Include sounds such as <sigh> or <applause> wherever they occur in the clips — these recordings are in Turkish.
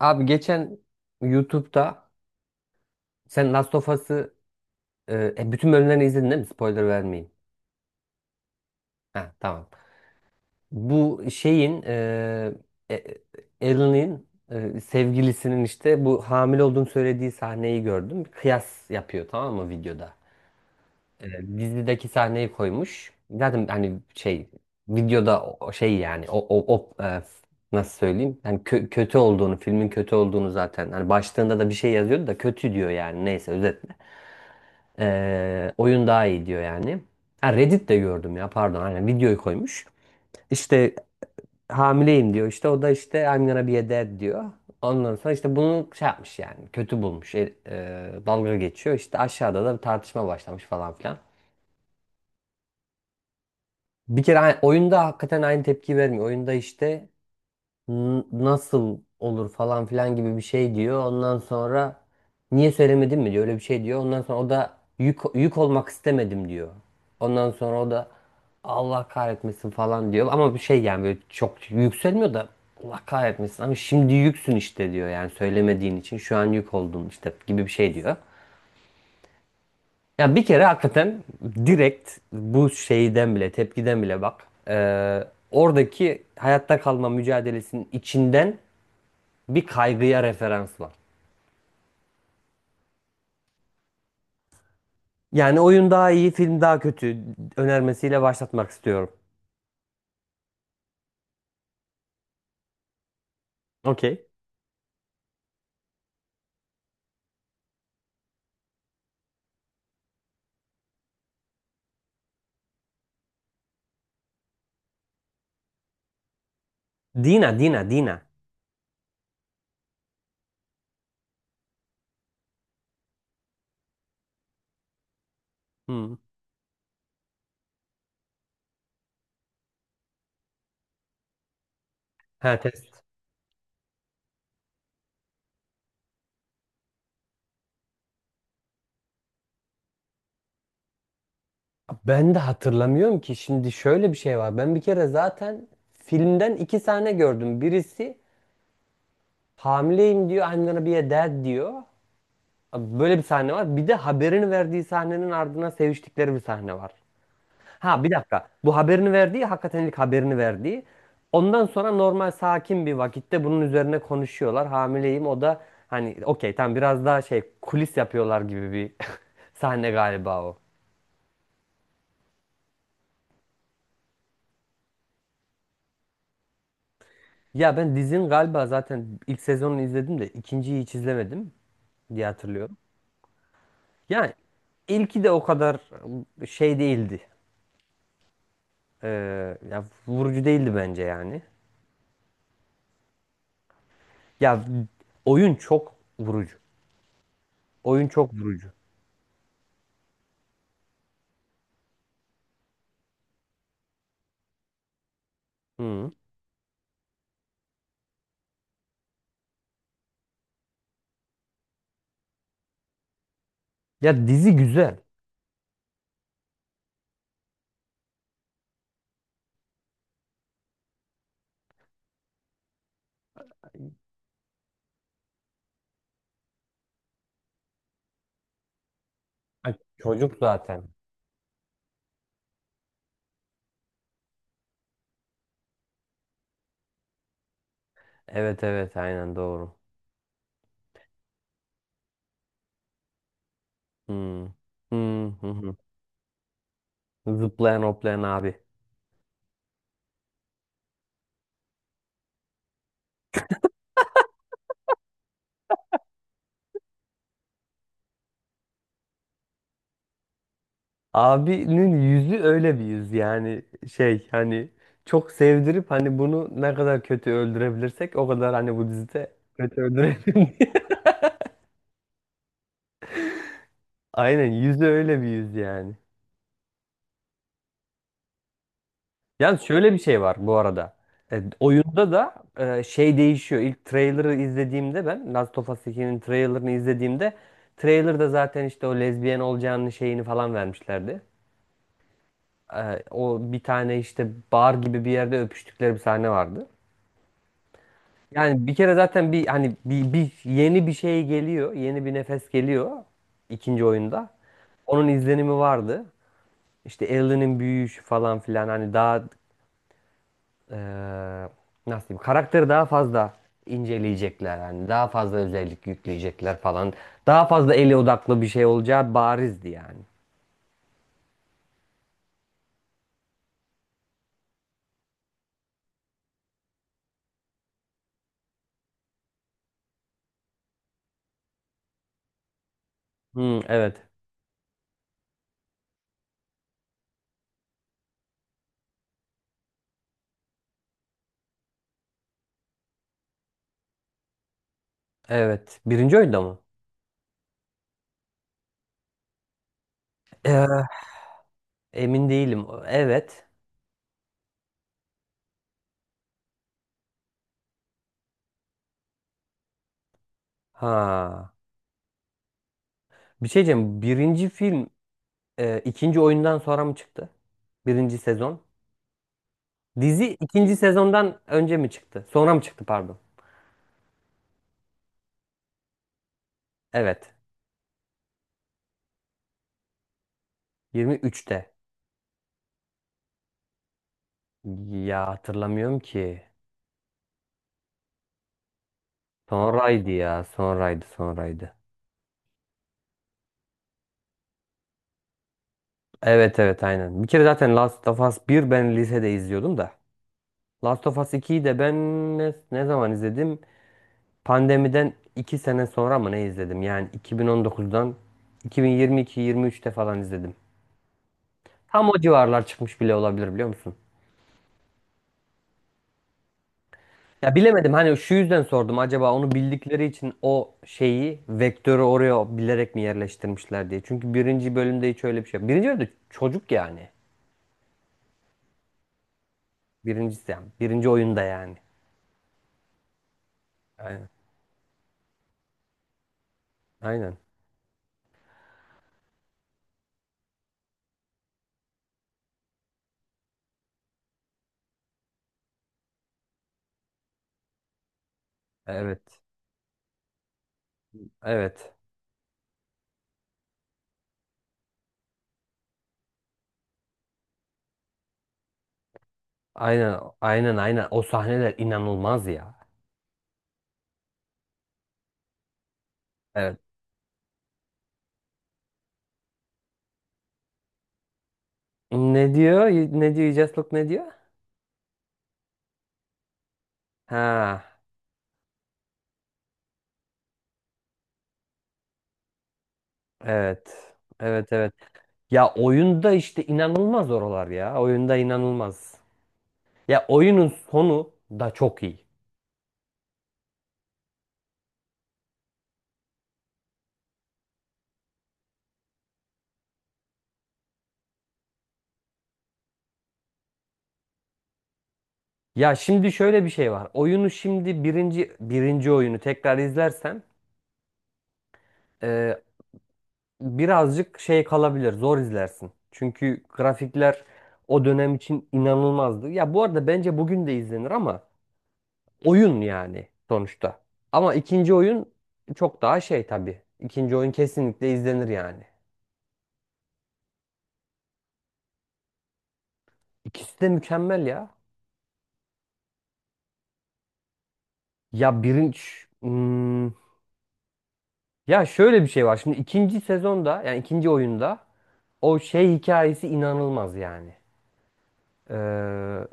Abi geçen YouTube'da sen Last of Us'ı bütün bölümlerini izledin değil mi? Spoiler vermeyeyim. Ha tamam. Bu şeyin e, Ellie'nin sevgilisinin işte bu hamile olduğunu söylediği sahneyi gördüm. Kıyas yapıyor tamam mı videoda? E, dizideki sahneyi koymuş. Zaten hani şey videoda o şey yani nasıl söyleyeyim? Yani kötü olduğunu, filmin kötü olduğunu zaten hani başlığında da bir şey yazıyordu da kötü diyor yani neyse özet. Oyun daha iyi diyor yani. Ha Reddit'te gördüm ya pardon. Aynen videoyu koymuş. İşte hamileyim diyor. İşte o da işte I'm gonna be a dad diyor. Ondan sonra işte bunu şey yapmış yani. Kötü bulmuş. Dalga geçiyor. İşte aşağıda da bir tartışma başlamış falan filan. Bir kere oyunda hakikaten aynı tepki vermiyor. Oyunda işte nasıl olur falan filan gibi bir şey diyor. Ondan sonra niye söylemedin mi diyor. Öyle bir şey diyor. Ondan sonra o da yük olmak istemedim diyor. Ondan sonra o da Allah kahretmesin falan diyor. Ama bir şey yani böyle çok yükselmiyor da Allah kahretmesin ama şimdi yüksün işte diyor. Yani söylemediğin için şu an yük oldun işte gibi bir şey diyor. Ya bir kere hakikaten direkt bu şeyden bile tepkiden bile bak. Oradaki hayatta kalma mücadelesinin içinden bir kaygıya referans var. Yani oyun daha iyi, film daha kötü önermesiyle başlatmak istiyorum. Okey. Dina, Dina, Dina. Hmm. Ha test. Ben de hatırlamıyorum ki şimdi şöyle bir şey var. Ben bir kere zaten filmden iki sahne gördüm. Birisi hamileyim diyor, I'm gonna be a dad diyor. Böyle bir sahne var. Bir de haberini verdiği sahnenin ardına seviştikleri bir sahne var. Ha bir dakika. Bu haberini verdiği hakikaten ilk haberini verdiği. Ondan sonra normal sakin bir vakitte bunun üzerine konuşuyorlar. Hamileyim o da hani okey tam biraz daha şey kulis yapıyorlar gibi bir <laughs> sahne galiba o. Ya ben dizinin galiba zaten ilk sezonunu izledim de ikinciyi hiç izlemedim diye hatırlıyorum. Yani ilki de o kadar şey değildi. Ee, ya vurucu değildi bence yani. Ya oyun çok vurucu. Oyun çok vurucu. Hı. Ya dizi güzel. Ay, çocuk zaten. Evet evet aynen doğru. Hmm. Hmm, hı hı. Zıplayan hoplayan abi. Abinin yüzü öyle bir yüz yani şey hani çok sevdirip hani bunu ne kadar kötü öldürebilirsek o kadar hani bu dizide kötü öldürelim diye. <laughs> Aynen yüzü öyle bir yüz yani. Yani şöyle bir şey var bu arada. Oyunda da şey değişiyor. İlk trailer'ı izlediğimde ben Last of Us 2'nin trailer'ını izlediğimde trailer'da zaten işte o lezbiyen olacağını şeyini falan vermişlerdi. O bir tane işte bar gibi bir yerde öpüştükleri bir sahne vardı. Yani bir kere zaten bir hani bir yeni bir şey geliyor. Yeni bir nefes geliyor ikinci oyunda. Onun izlenimi vardı. İşte Ellie'nin büyüyüşü falan filan hani daha eee, nasıl diyeyim karakteri daha fazla inceleyecekler yani daha fazla özellik yükleyecekler falan. Daha fazla ele odaklı bir şey olacağı barizdi yani. Hmm, evet. Evet. Birinci oyunda mı? Eee, emin değilim. Evet. Ha. Bir şey diyeceğim. Birinci film ikinci oyundan sonra mı çıktı? Birinci sezon. Dizi ikinci sezondan önce mi çıktı? Sonra mı çıktı pardon. Evet. 23'te. Ya hatırlamıyorum ki. Sonraydı ya. Sonraydı, sonraydı. Evet evet aynen. Bir kere zaten Last of Us 1 ben lisede izliyordum da. Last of Us 2'yi de ben ne zaman izledim? Pandemiden 2 sene sonra mı ne izledim? Yani 2019'dan 2022-23'te falan izledim. Tam o civarlar çıkmış bile olabilir biliyor musun? Ya bilemedim hani şu yüzden sordum acaba onu bildikleri için o şeyi vektörü oraya bilerek mi yerleştirmişler diye. Çünkü birinci bölümde hiç öyle bir şey yok. Birinci bölümde çocuk yani. Birincisi yani. Birinci oyunda yani. Aynen. Aynen. Evet. Evet. Aynen. Aynen aynen. O sahneler inanılmaz ya. Evet. Ne diyor? Ne diyor? You Just Look ne diyor? Ha. Evet. Evet evet. Ya oyunda işte inanılmaz oralar ya. Oyunda inanılmaz. Ya oyunun sonu da çok iyi. Ya şimdi şöyle bir şey var. Oyunu şimdi birinci oyunu tekrar izlersen birazcık şey kalabilir, zor izlersin. Çünkü grafikler o dönem için inanılmazdı. Ya bu arada bence bugün de izlenir ama oyun yani sonuçta. Ama ikinci oyun çok daha şey tabii. İkinci oyun kesinlikle izlenir yani. İkisi de mükemmel ya. Ya birinci... Hmm, ya şöyle bir şey var. Şimdi ikinci sezonda yani ikinci oyunda o şey hikayesi inanılmaz yani. Ee,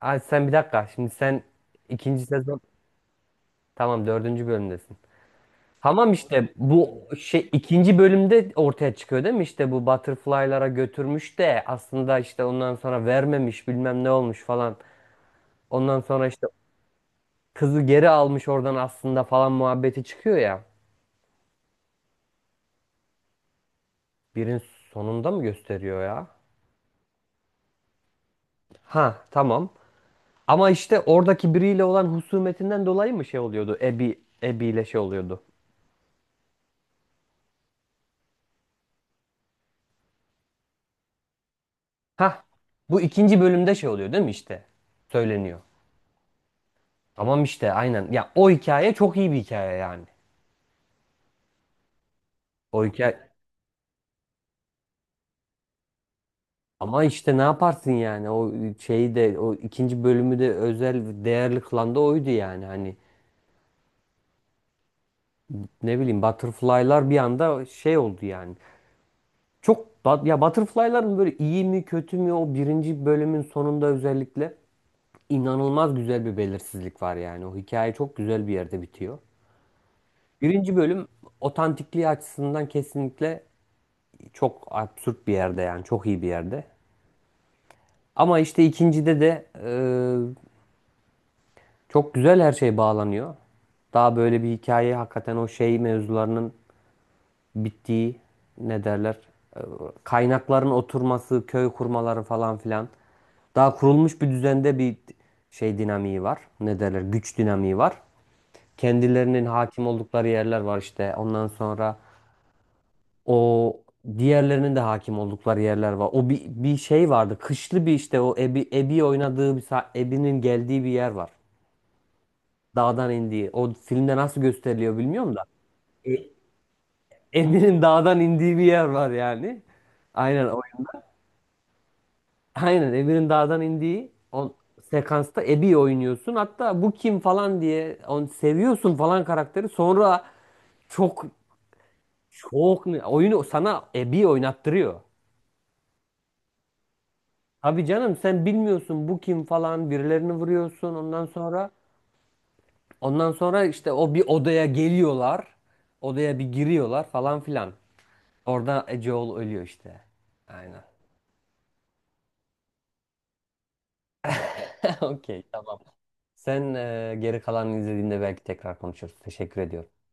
ay sen bir dakika. Şimdi sen ikinci sezon... Tamam dördüncü bölümdesin. Tamam işte bu şey ikinci bölümde ortaya çıkıyor değil mi? İşte bu butterfly'lara götürmüş de aslında işte ondan sonra vermemiş bilmem ne olmuş falan. Ondan sonra işte kızı geri almış oradan aslında falan muhabbeti çıkıyor ya. Birin sonunda mı gösteriyor ya? Ha tamam. Ama işte oradaki biriyle olan husumetinden dolayı mı şey oluyordu? Abby, Abby ile şey oluyordu. Ha bu ikinci bölümde şey oluyor değil mi işte? Söyleniyor. Tamam işte aynen. Ya o hikaye çok iyi bir hikaye yani. O hikaye Ama işte ne yaparsın yani o şeyi de o ikinci bölümü de özel değerli kılan da oydu yani hani ne bileyim Butterfly'lar bir anda şey oldu yani. Ya Butterfly'ların böyle iyi mi kötü mü o birinci bölümün sonunda özellikle inanılmaz güzel bir belirsizlik var yani o hikaye çok güzel bir yerde bitiyor. Birinci bölüm otantikliği açısından kesinlikle çok absürt bir yerde yani çok iyi bir yerde. Ama işte ikincide de çok güzel her şey bağlanıyor. Daha böyle bir hikaye hakikaten o şey mevzularının bittiği ne derler? e, Kaynakların oturması, köy kurmaları falan filan. Daha kurulmuş bir düzende bir şey dinamiği var. Ne derler? Güç dinamiği var. Kendilerinin hakim oldukları yerler var işte. Ondan sonra o diğerlerinin de hakim oldukları yerler var. O bir şey vardı. Kışlı bir işte o Ebi oynadığı bir Ebi'nin geldiği bir yer var. Dağdan indiği. O filmde nasıl gösteriliyor bilmiyorum da. Emir'in dağdan indiği bir yer var yani. Aynen oyunda. Aynen Emir'in dağdan indiği o sekansta Ebi'yi oynuyorsun. Hatta bu kim falan diye onu seviyorsun falan karakteri. Sonra çok çok oyunu sana Ebi oynattırıyor. Abi canım sen bilmiyorsun bu kim falan birilerini vuruyorsun ondan sonra işte o bir odaya geliyorlar. Odaya bir giriyorlar falan filan. Orada Joel ölüyor işte. Aynen. <laughs> Okey, tamam. Sen geri kalanını izlediğinde belki tekrar konuşuruz. Teşekkür ediyorum.